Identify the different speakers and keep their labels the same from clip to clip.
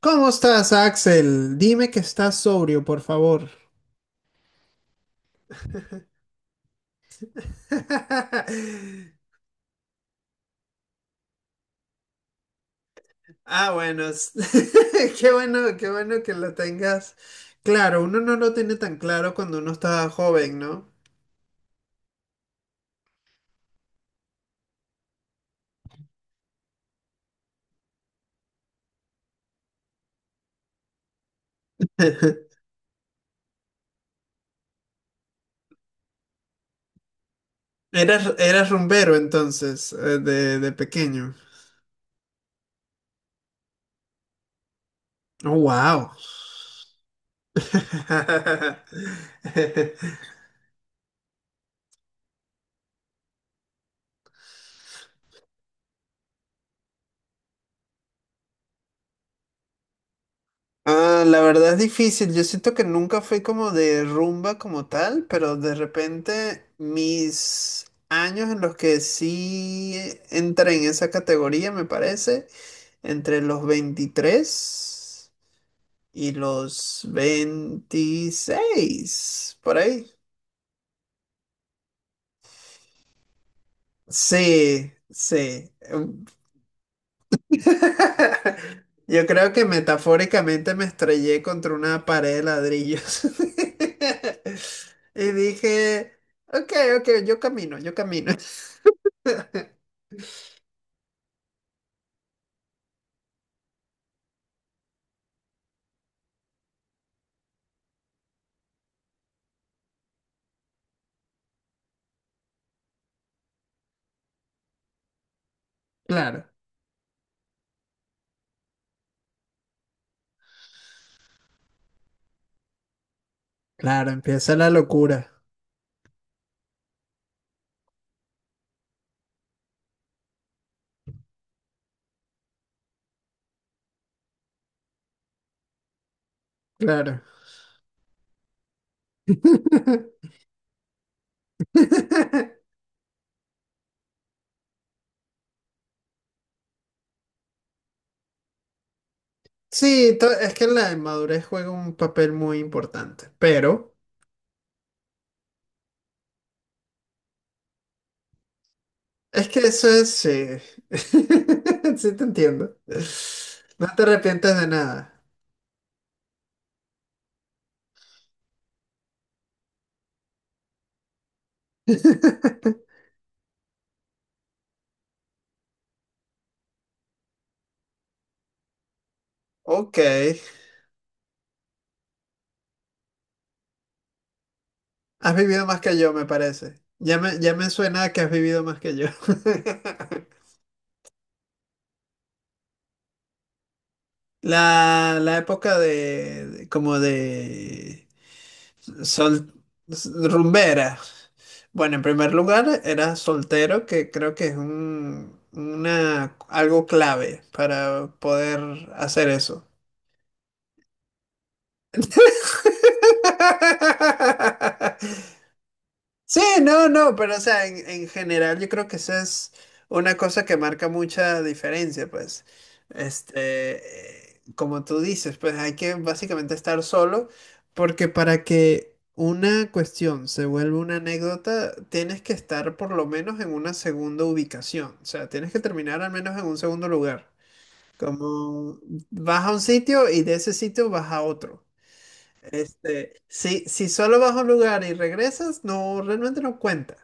Speaker 1: ¿Cómo estás, Axel? Dime que estás sobrio, por favor. Ah, bueno, qué bueno que lo tengas. Claro, uno no lo tiene tan claro cuando uno está joven, ¿no? Eras rumbero entonces, de pequeño. Oh, wow. Ah, la verdad es difícil. Yo siento que nunca fui como de rumba como tal, pero de repente mis años en los que sí entré en esa categoría, me parece, entre los 23 y los 26 por ahí. Sí, sí. Yo creo que metafóricamente me estrellé contra una pared de ladrillos. Y dije, ok, ok, yo camino, yo camino. Claro, claro, empieza la locura. Claro. Sí, es que la madurez juega un papel muy importante, pero es que eso es, sí, sí te entiendo. No te arrepientes de nada. Ok, has vivido más que yo, me parece. Ya me suena a que has vivido más que yo. La época de, como de sol, rumbera. Bueno, en primer lugar, era soltero, que creo que es un, una, algo clave para poder hacer eso. Sí, no, no, pero o sea, en general yo creo que esa es una cosa que marca mucha diferencia, pues, este, como tú dices, pues hay que básicamente estar solo, porque para que una cuestión se vuelva una anécdota, tienes que estar por lo menos en una segunda ubicación, o sea, tienes que terminar al menos en un segundo lugar, como vas a un sitio y de ese sitio vas a otro. Si, si solo vas a un lugar y regresas, no, realmente no cuenta.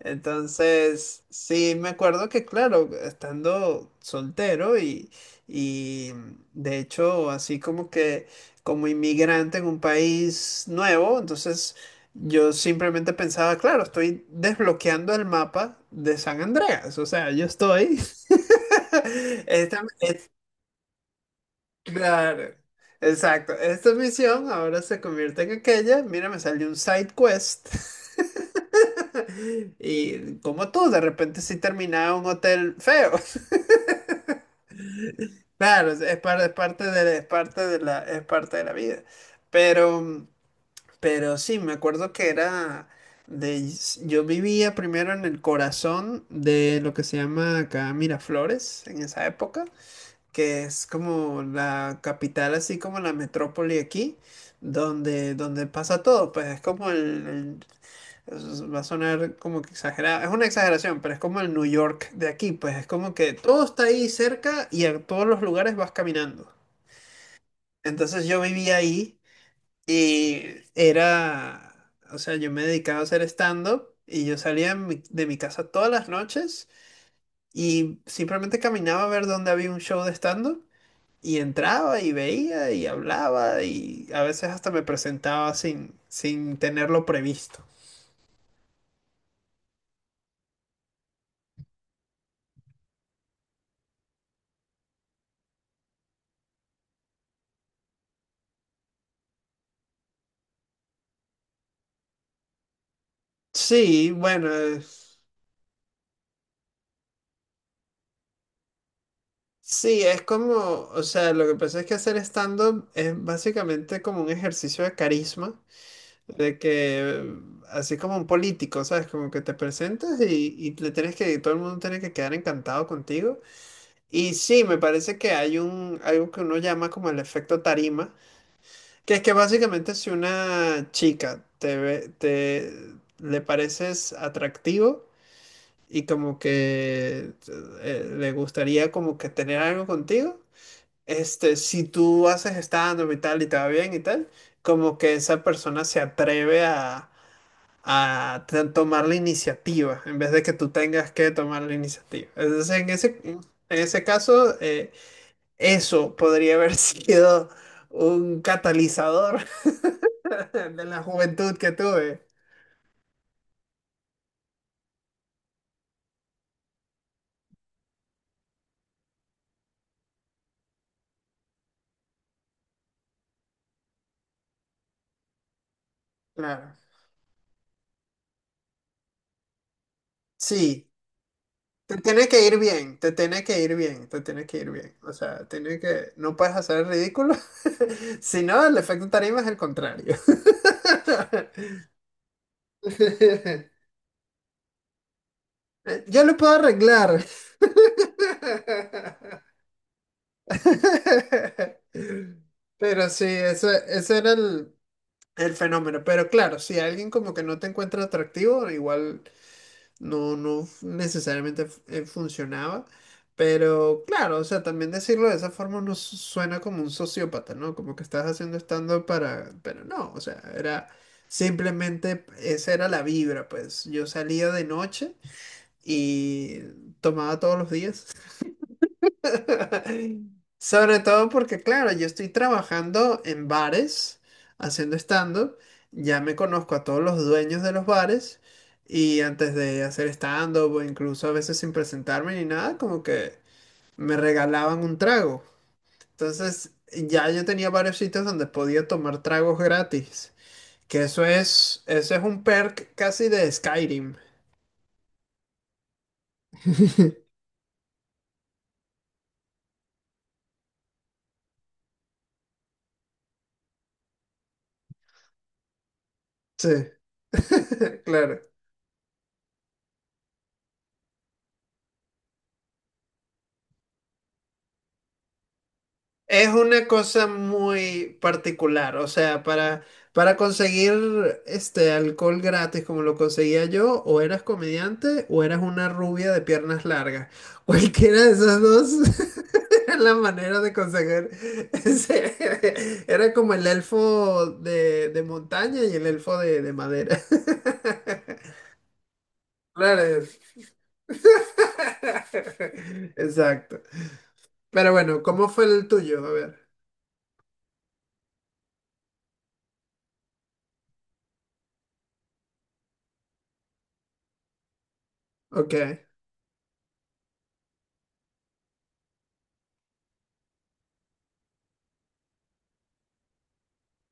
Speaker 1: Entonces, sí, me acuerdo que, claro, estando soltero y de hecho, así como que como inmigrante en un país nuevo, entonces yo simplemente pensaba, claro, estoy desbloqueando el mapa de San Andreas, o sea, yo estoy... Esta, claro, exacto, esta misión ahora se convierte en aquella, mira, me salió un side quest. Y como tú, de repente sí terminaba en un hotel feo. Claro, es parte de es parte de la vida. Pero, pero sí, me acuerdo que era de, yo vivía primero en el corazón de lo que se llama acá Miraflores en esa época. Que es como la capital, así como la metrópoli aquí, donde, donde pasa todo, pues es como el, va a sonar como que exagerado, es una exageración, pero es como el New York de aquí, pues es como que todo está ahí cerca y a todos los lugares vas caminando. Entonces yo vivía ahí y era, o sea, yo me dedicaba a hacer stand-up y yo salía de mi casa todas las noches y simplemente caminaba a ver dónde había un show de stand-up y entraba y veía y hablaba y a veces hasta me presentaba sin, sin tenerlo previsto. Sí, bueno, sí, es como, o sea, lo que pasa es que hacer stand-up es básicamente como un ejercicio de carisma, de que, así como un político, ¿sabes? Como que te presentas y le tienes que, todo el mundo tiene que quedar encantado contigo. Y sí, me parece que hay un, algo que uno llama como el efecto tarima. Que es que básicamente si una chica te ve, te le pareces atractivo y como que le gustaría como que tener algo contigo, este, si tú haces stand-up y tal y te va bien y tal, como que esa persona se atreve a tomar la iniciativa en vez de que tú tengas que tomar la iniciativa. Entonces, en ese caso, eso podría haber sido un catalizador de la juventud que tuve. Claro. Sí, te tiene que ir bien, te tiene que ir bien, te tiene que ir bien. O sea, tiene que, no puedes hacer el ridículo. Si no, el efecto tarima es el contrario. Yo lo puedo arreglar. Pero sí, eso, ese era el fenómeno. Pero claro, si alguien como que no te encuentra atractivo, igual no, no necesariamente funcionaba. Pero claro, o sea, también decirlo de esa forma no suena como un sociópata, ¿no? Como que estás haciendo stand-up para... Pero no, o sea, era simplemente, esa era la vibra, pues yo salía de noche y tomaba todos los días. Sobre todo porque, claro, yo estoy trabajando en bares, haciendo stand-up, ya me conozco a todos los dueños de los bares y antes de hacer stand-up o incluso a veces sin presentarme ni nada, como que me regalaban un trago. Entonces ya yo tenía varios sitios donde podía tomar tragos gratis, que eso es un perk casi de Skyrim. Sí, claro. Es una cosa muy particular, o sea, para conseguir este alcohol gratis como lo conseguía yo, o eras comediante o eras una rubia de piernas largas. Cualquiera de esas dos era la manera de conseguir era como el elfo de montaña y el elfo de madera. Claro. Es. Exacto. Pero bueno, ¿cómo fue el tuyo? A ver. Ok.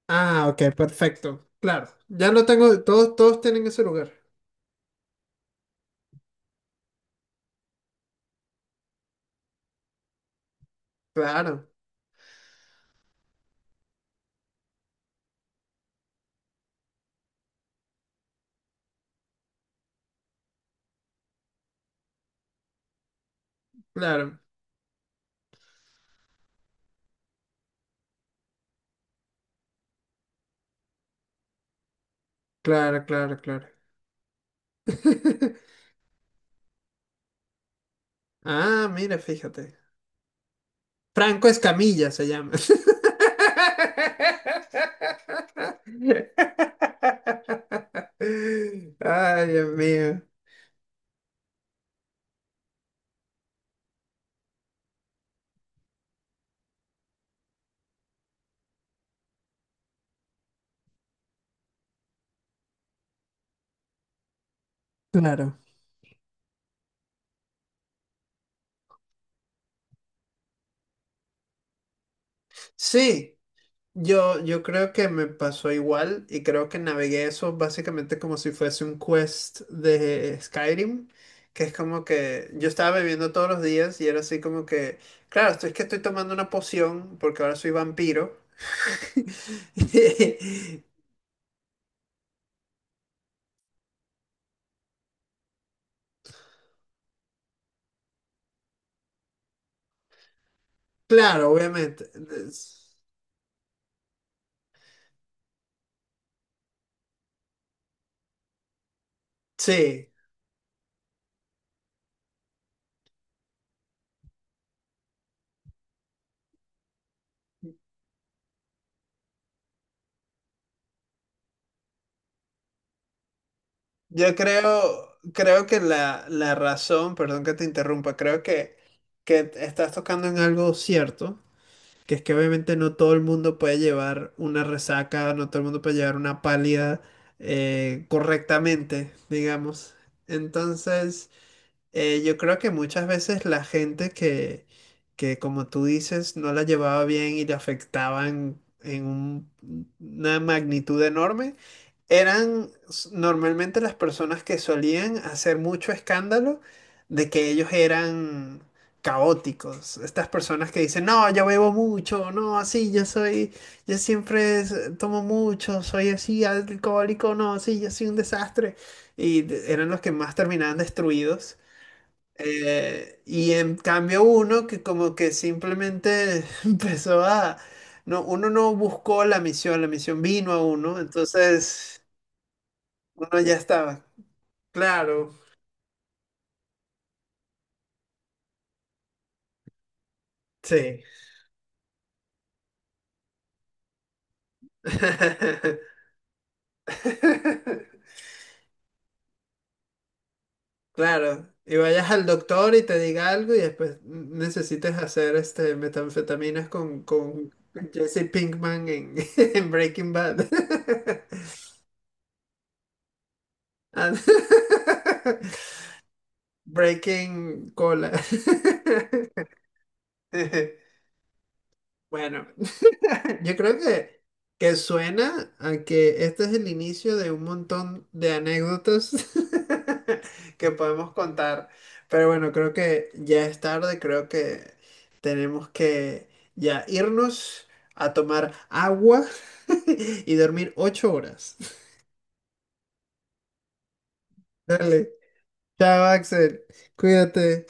Speaker 1: Ah, ok, perfecto. Claro, ya lo tengo, todos, todos tienen ese lugar. Claro, claro, claro, claro, claro. Ah, mira, fíjate. Franco Escamilla se llama. Ay, Dios mío. Claro. Sí. Yo creo que me pasó igual y creo que navegué eso básicamente como si fuese un quest de Skyrim, que es como que yo estaba bebiendo todos los días y era así como que, claro, esto es que estoy tomando una poción porque ahora soy vampiro. Claro, obviamente. Sí, yo creo, creo que la razón, perdón que te interrumpa, creo que estás tocando en algo cierto que es que obviamente no todo el mundo puede llevar una resaca, no todo el mundo puede llevar una pálida correctamente, digamos. Entonces... Yo creo que muchas veces la gente que, como tú dices, no la llevaba bien y le afectaban en una magnitud enorme, eran normalmente las personas que solían hacer mucho escándalo de que ellos eran caóticos. Estas personas que dicen, no, yo bebo mucho, no, así, yo soy, yo siempre tomo mucho, soy así, alcohólico, no, sí, yo soy un desastre. Y eran los que más terminaban destruidos. Y en cambio uno que como que simplemente empezó a... No, uno no buscó la misión vino a uno, entonces uno ya estaba. Claro, sí. Claro, y vayas al doctor y te diga algo y después necesites hacer este metanfetaminas con Jesse Pinkman en, en Breaking Bad. Ah, Breaking cola. Bueno, yo creo que suena a que este es el inicio de un montón de anécdotas que podemos contar. Pero bueno, creo que ya es tarde, creo que tenemos que ya irnos a tomar agua y dormir 8 horas. Dale. Chao, Axel. Cuídate.